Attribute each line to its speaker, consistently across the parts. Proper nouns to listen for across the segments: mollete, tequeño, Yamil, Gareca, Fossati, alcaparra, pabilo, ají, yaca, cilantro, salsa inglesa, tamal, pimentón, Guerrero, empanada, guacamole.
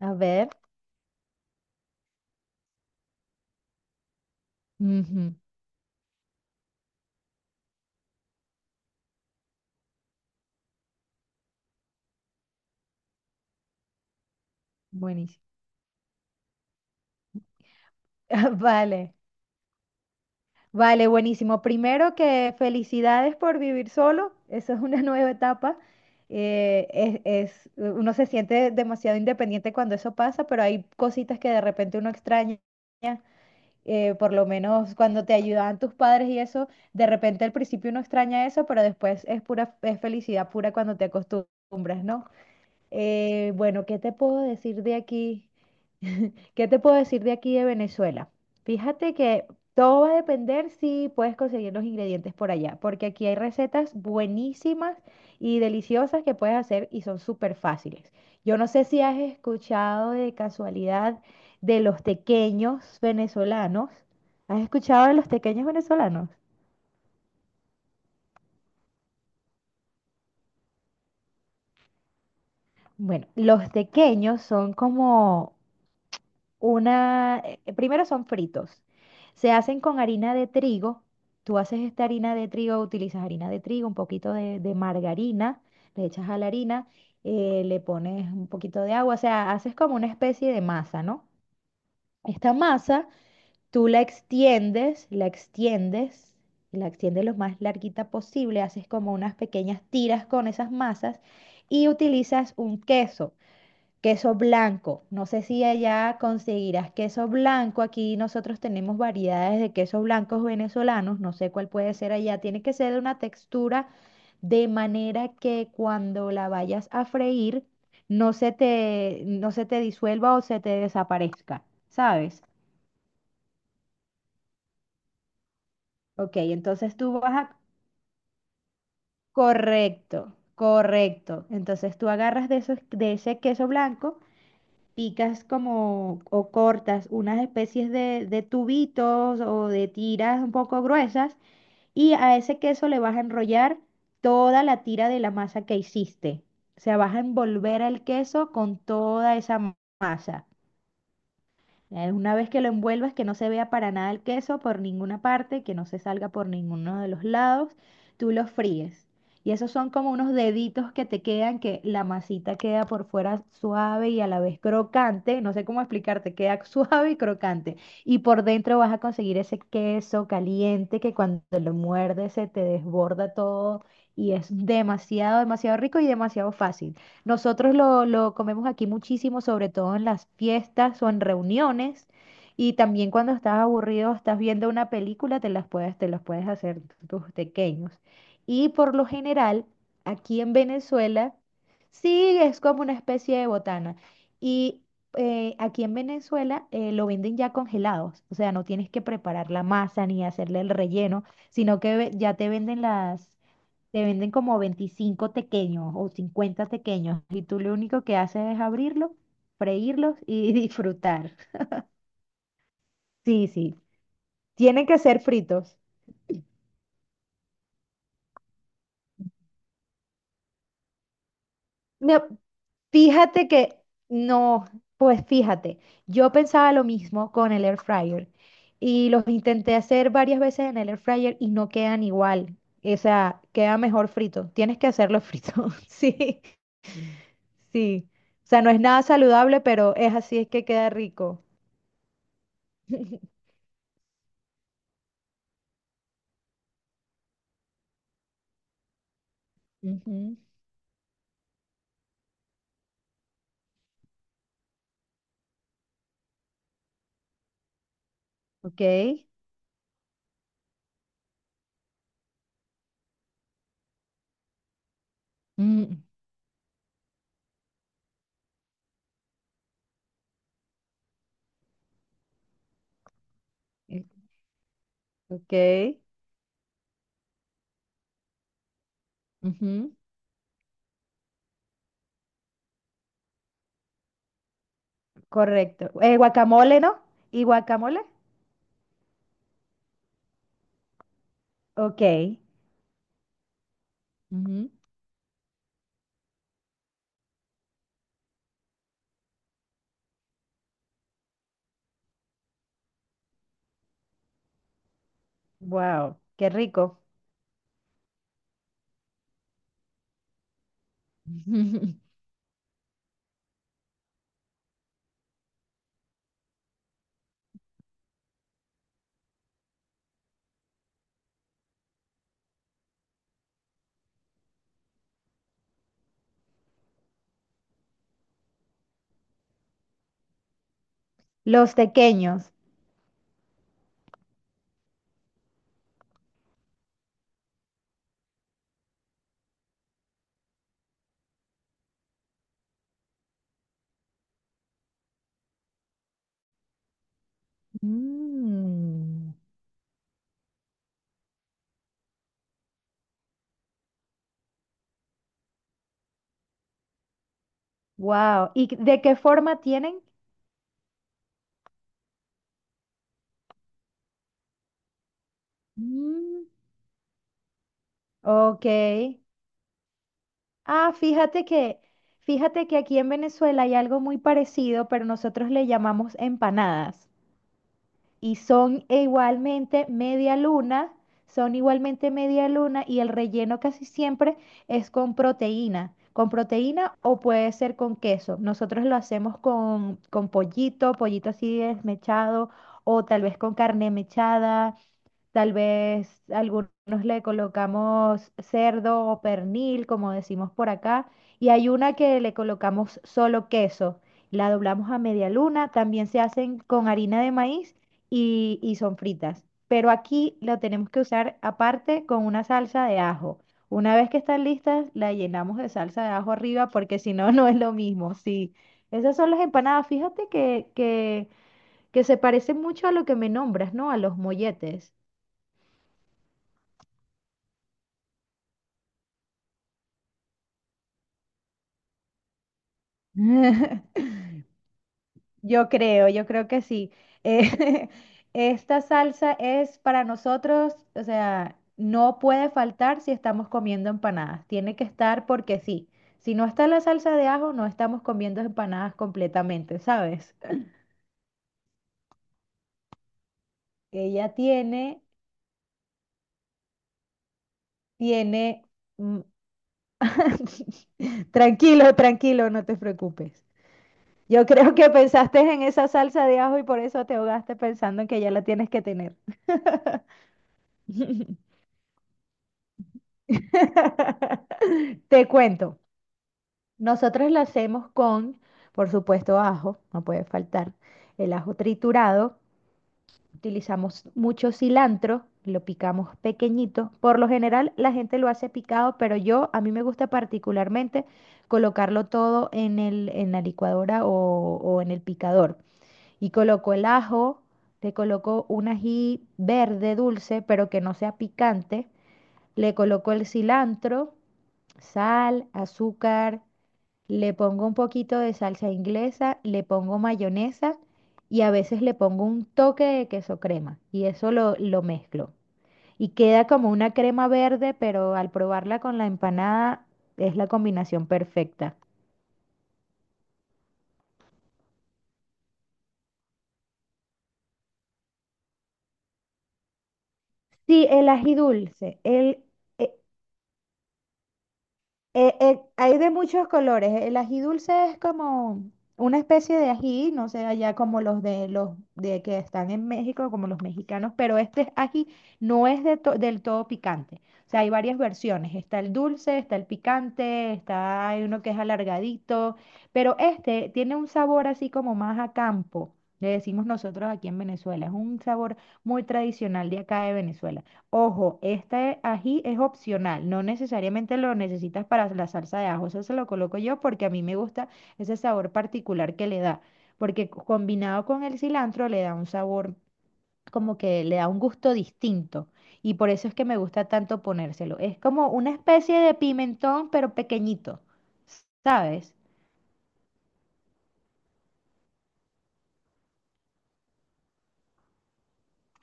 Speaker 1: A ver. Ujú. Buenísimo. Vale, vale, buenísimo. Primero que felicidades por vivir solo, eso es una nueva etapa. Eh, es, Uno se siente demasiado independiente cuando eso pasa, pero hay cositas que de repente uno extraña. Por lo menos cuando te ayudaban tus padres y eso, de repente al principio uno extraña eso, pero después es pura, es felicidad pura cuando te acostumbras, ¿no? Bueno, ¿qué te puedo decir de aquí? ¿Qué te puedo decir de aquí de Venezuela? Fíjate que todo va a depender si puedes conseguir los ingredientes por allá, porque aquí hay recetas buenísimas y deliciosas que puedes hacer y son súper fáciles. Yo no sé si has escuchado de casualidad de los tequeños venezolanos. ¿Has escuchado de los tequeños venezolanos? Bueno, los tequeños son como primero son fritos. Se hacen con harina de trigo. Tú haces esta harina de trigo, utilizas harina de trigo, un poquito de margarina, le echas a la harina, le pones un poquito de agua, o sea, haces como una especie de masa, ¿no? Esta masa tú la extiendes, la extiendes, la extiendes lo más larguita posible, haces como unas pequeñas tiras con esas masas y utilizas un queso. Queso blanco. No sé si allá conseguirás queso blanco. Aquí nosotros tenemos variedades de quesos blancos venezolanos. No sé cuál puede ser allá. Tiene que ser de una textura de manera que cuando la vayas a freír no se te disuelva o se te desaparezca, ¿sabes? Ok, entonces tú vas a... Correcto, correcto. Entonces tú agarras de ese queso blanco, picas como o cortas unas especies de tubitos o de tiras un poco gruesas, y a ese queso le vas a enrollar toda la tira de la masa que hiciste. O sea, vas a envolver el queso con toda esa masa. Una vez que lo envuelvas, que no se vea para nada el queso por ninguna parte, que no se salga por ninguno de los lados, tú lo fríes. Y esos son como unos deditos que te quedan, que la masita queda por fuera suave y a la vez crocante. No sé cómo explicarte, queda suave y crocante. Y por dentro vas a conseguir ese queso caliente que cuando lo muerdes se te desborda todo, y es demasiado, demasiado rico y demasiado fácil. Nosotros lo comemos aquí muchísimo, sobre todo en las fiestas o en reuniones. Y también cuando estás aburrido, estás viendo una película, te las puedes, te los puedes hacer tus pequeños. Y por lo general, aquí en Venezuela, sí es como una especie de botana. Y aquí en Venezuela lo venden ya congelados, o sea, no tienes que preparar la masa ni hacerle el relleno, sino que ya te venden te venden como 25 tequeños o 50 tequeños, y tú lo único que haces es abrirlos, freírlos y disfrutar. Sí, sí, tienen que ser fritos. No, fíjate que no, pues yo pensaba lo mismo con el air fryer y los intenté hacer varias veces en el air fryer y no quedan igual. O sea, queda mejor frito. Tienes que hacerlo frito. Sí, sí. O sea, no es nada saludable, pero es así, es que queda rico. Ujú. Ok, mm, eh, ok, ujú, correcto. Guacamole, ¿no? ¿Y guacamole? Ok, ujú. Wow, qué rico. Los tequeños. Mm, wow. ¿Y de qué forma tienen? Mm. Ok. Ah, fíjate que aquí en Venezuela hay algo muy parecido, pero nosotros le llamamos empanadas. Y son e igualmente media luna, son igualmente media luna y el relleno casi siempre es con proteína, con proteína, o puede ser con queso. Nosotros lo hacemos con pollito, pollito así desmechado, o tal vez con carne mechada. Tal vez algunos le colocamos cerdo o pernil, como decimos por acá, y hay una que le colocamos solo queso. La doblamos a media luna, también se hacen con harina de maíz y son fritas. Pero aquí lo tenemos que usar aparte con una salsa de ajo. Una vez que están listas, la llenamos de salsa de ajo arriba porque si no, no es lo mismo. Sí, esas son las empanadas. Fíjate que se parecen mucho a lo que me nombras, ¿no? A los molletes. Yo creo que sí. Eh, esta salsa es para nosotros, o sea, no puede faltar si estamos comiendo empanadas. Tiene que estar porque sí. Si no está la salsa de ajo, no estamos comiendo empanadas completamente, ¿sabes? Ella tiene. Mm. Tranquilo, tranquilo, no te preocupes. Yo creo que pensaste en esa salsa de ajo y por eso te ahogaste pensando en que ya la tienes que tener. Te cuento, nosotros la hacemos con, por supuesto, ajo, no puede faltar, el ajo triturado. Utilizamos mucho cilantro, lo picamos pequeñito, por lo general la gente lo hace picado, pero yo, a mí me gusta particularmente colocarlo todo en el, en la licuadora o en el picador, y coloco el ajo, le coloco un ají verde dulce, pero que no sea picante, le coloco el cilantro, sal, azúcar, le pongo un poquito de salsa inglesa, le pongo mayonesa y a veces le pongo un toque de queso crema, y eso lo mezclo. Y queda como una crema verde, pero al probarla con la empanada es la combinación perfecta. Sí, el ají dulce. E- Hay de muchos colores. El ají dulce es como una especie de ají, no sé, allá como los de que están en México, como los mexicanos, pero este ají no es del todo picante. O sea, hay varias versiones. Está el dulce, está el picante, está hay uno que es alargadito, pero este tiene un sabor así como más a campo. Le decimos nosotros aquí en Venezuela. Es un sabor muy tradicional de acá de Venezuela. Ojo, este ají es opcional, no necesariamente lo necesitas para la salsa de ajo, eso se lo coloco yo porque a mí me gusta ese sabor particular que le da, porque combinado con el cilantro le da un sabor, como que le da un gusto distinto, y por eso es que me gusta tanto ponérselo. Es como una especie de pimentón, pero pequeñito, ¿sabes?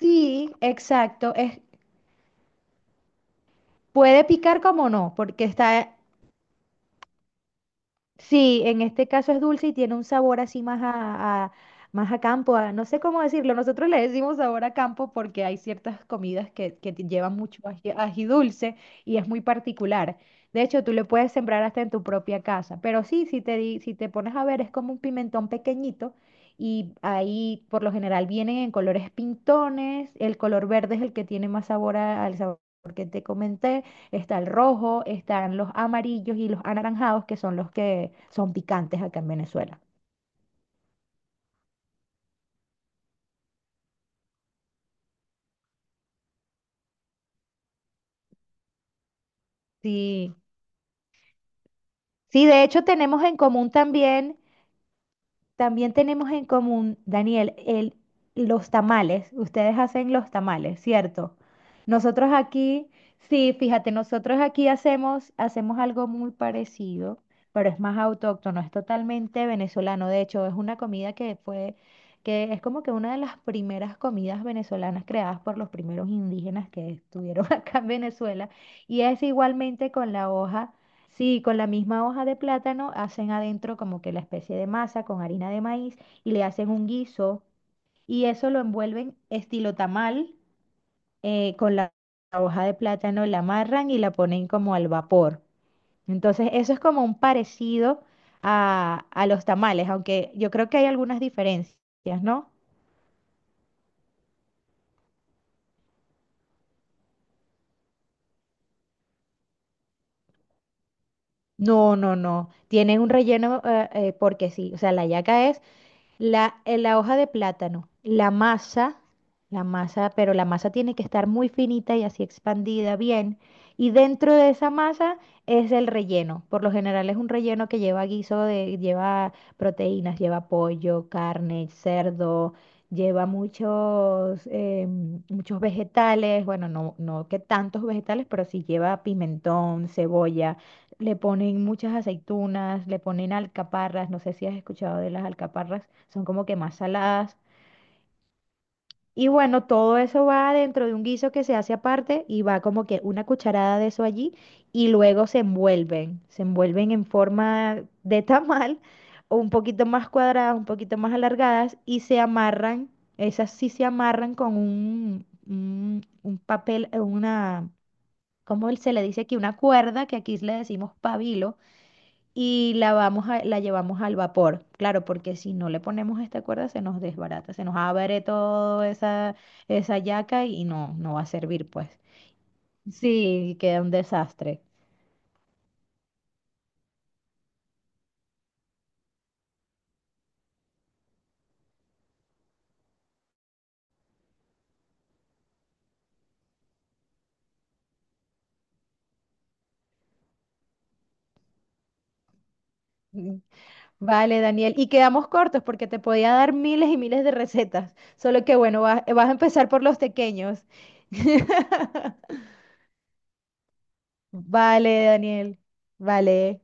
Speaker 1: Sí, exacto, puede picar como no, porque está. Sí, en este caso es dulce y tiene un sabor así más a campo, no sé cómo decirlo. Nosotros le decimos sabor a campo porque hay ciertas comidas que te llevan mucho ají, ají dulce, y es muy particular. De hecho, tú le puedes sembrar hasta en tu propia casa. Pero sí, si te pones a ver, es como un pimentón pequeñito, y ahí por lo general vienen en colores pintones. El color verde es el que tiene más sabor al sabor que te comenté. Está el rojo, están los amarillos y los anaranjados, que son los que son picantes acá en Venezuela. Sí. Sí, de hecho tenemos en común también. También tenemos en común, Daniel, los tamales. Ustedes hacen los tamales, ¿cierto? Nosotros aquí, sí, fíjate, nosotros aquí hacemos algo muy parecido, pero es más autóctono, es totalmente venezolano. De hecho, es una comida que que es como que una de las primeras comidas venezolanas, creadas por los primeros indígenas que estuvieron acá en Venezuela. Y es igualmente con la hoja. Sí, con la misma hoja de plátano hacen adentro como que la especie de masa con harina de maíz, y le hacen un guiso, y eso lo envuelven estilo tamal, con la hoja de plátano, la amarran y la ponen como al vapor. Entonces eso es como un parecido a los tamales, aunque yo creo que hay algunas diferencias, ¿no? No, no, no. Tiene un relleno, porque sí. O sea, la yaca es... La hoja de plátano, la masa, pero la masa tiene que estar muy finita y así expandida bien. Y dentro de esa masa es el relleno. Por lo general es un relleno que lleva guiso de, lleva proteínas, lleva pollo, carne, cerdo, lleva muchos, muchos vegetales. Bueno, no, no que tantos vegetales, pero sí lleva pimentón, cebolla, le ponen muchas aceitunas, le ponen alcaparras, no sé si has escuchado de las alcaparras, son como que más saladas. Y bueno, todo eso va dentro de un guiso que se hace aparte, y va como que una cucharada de eso allí, y luego se envuelven en forma de tamal, o un poquito más cuadradas, un poquito más alargadas, y se amarran. Esas sí se amarran con un papel, ¿cómo se le dice aquí? Una cuerda, que aquí le decimos pabilo, y la llevamos al vapor. Claro, porque si no le ponemos esta cuerda se nos desbarata, se nos abre toda esa yaca, y no, no va a servir, pues. Sí, queda un desastre. Mm. Vale, Daniel. Y quedamos cortos porque te podía dar miles y miles de recetas. Solo que bueno, vas a empezar por los pequeños. Vale, Daniel. Vale.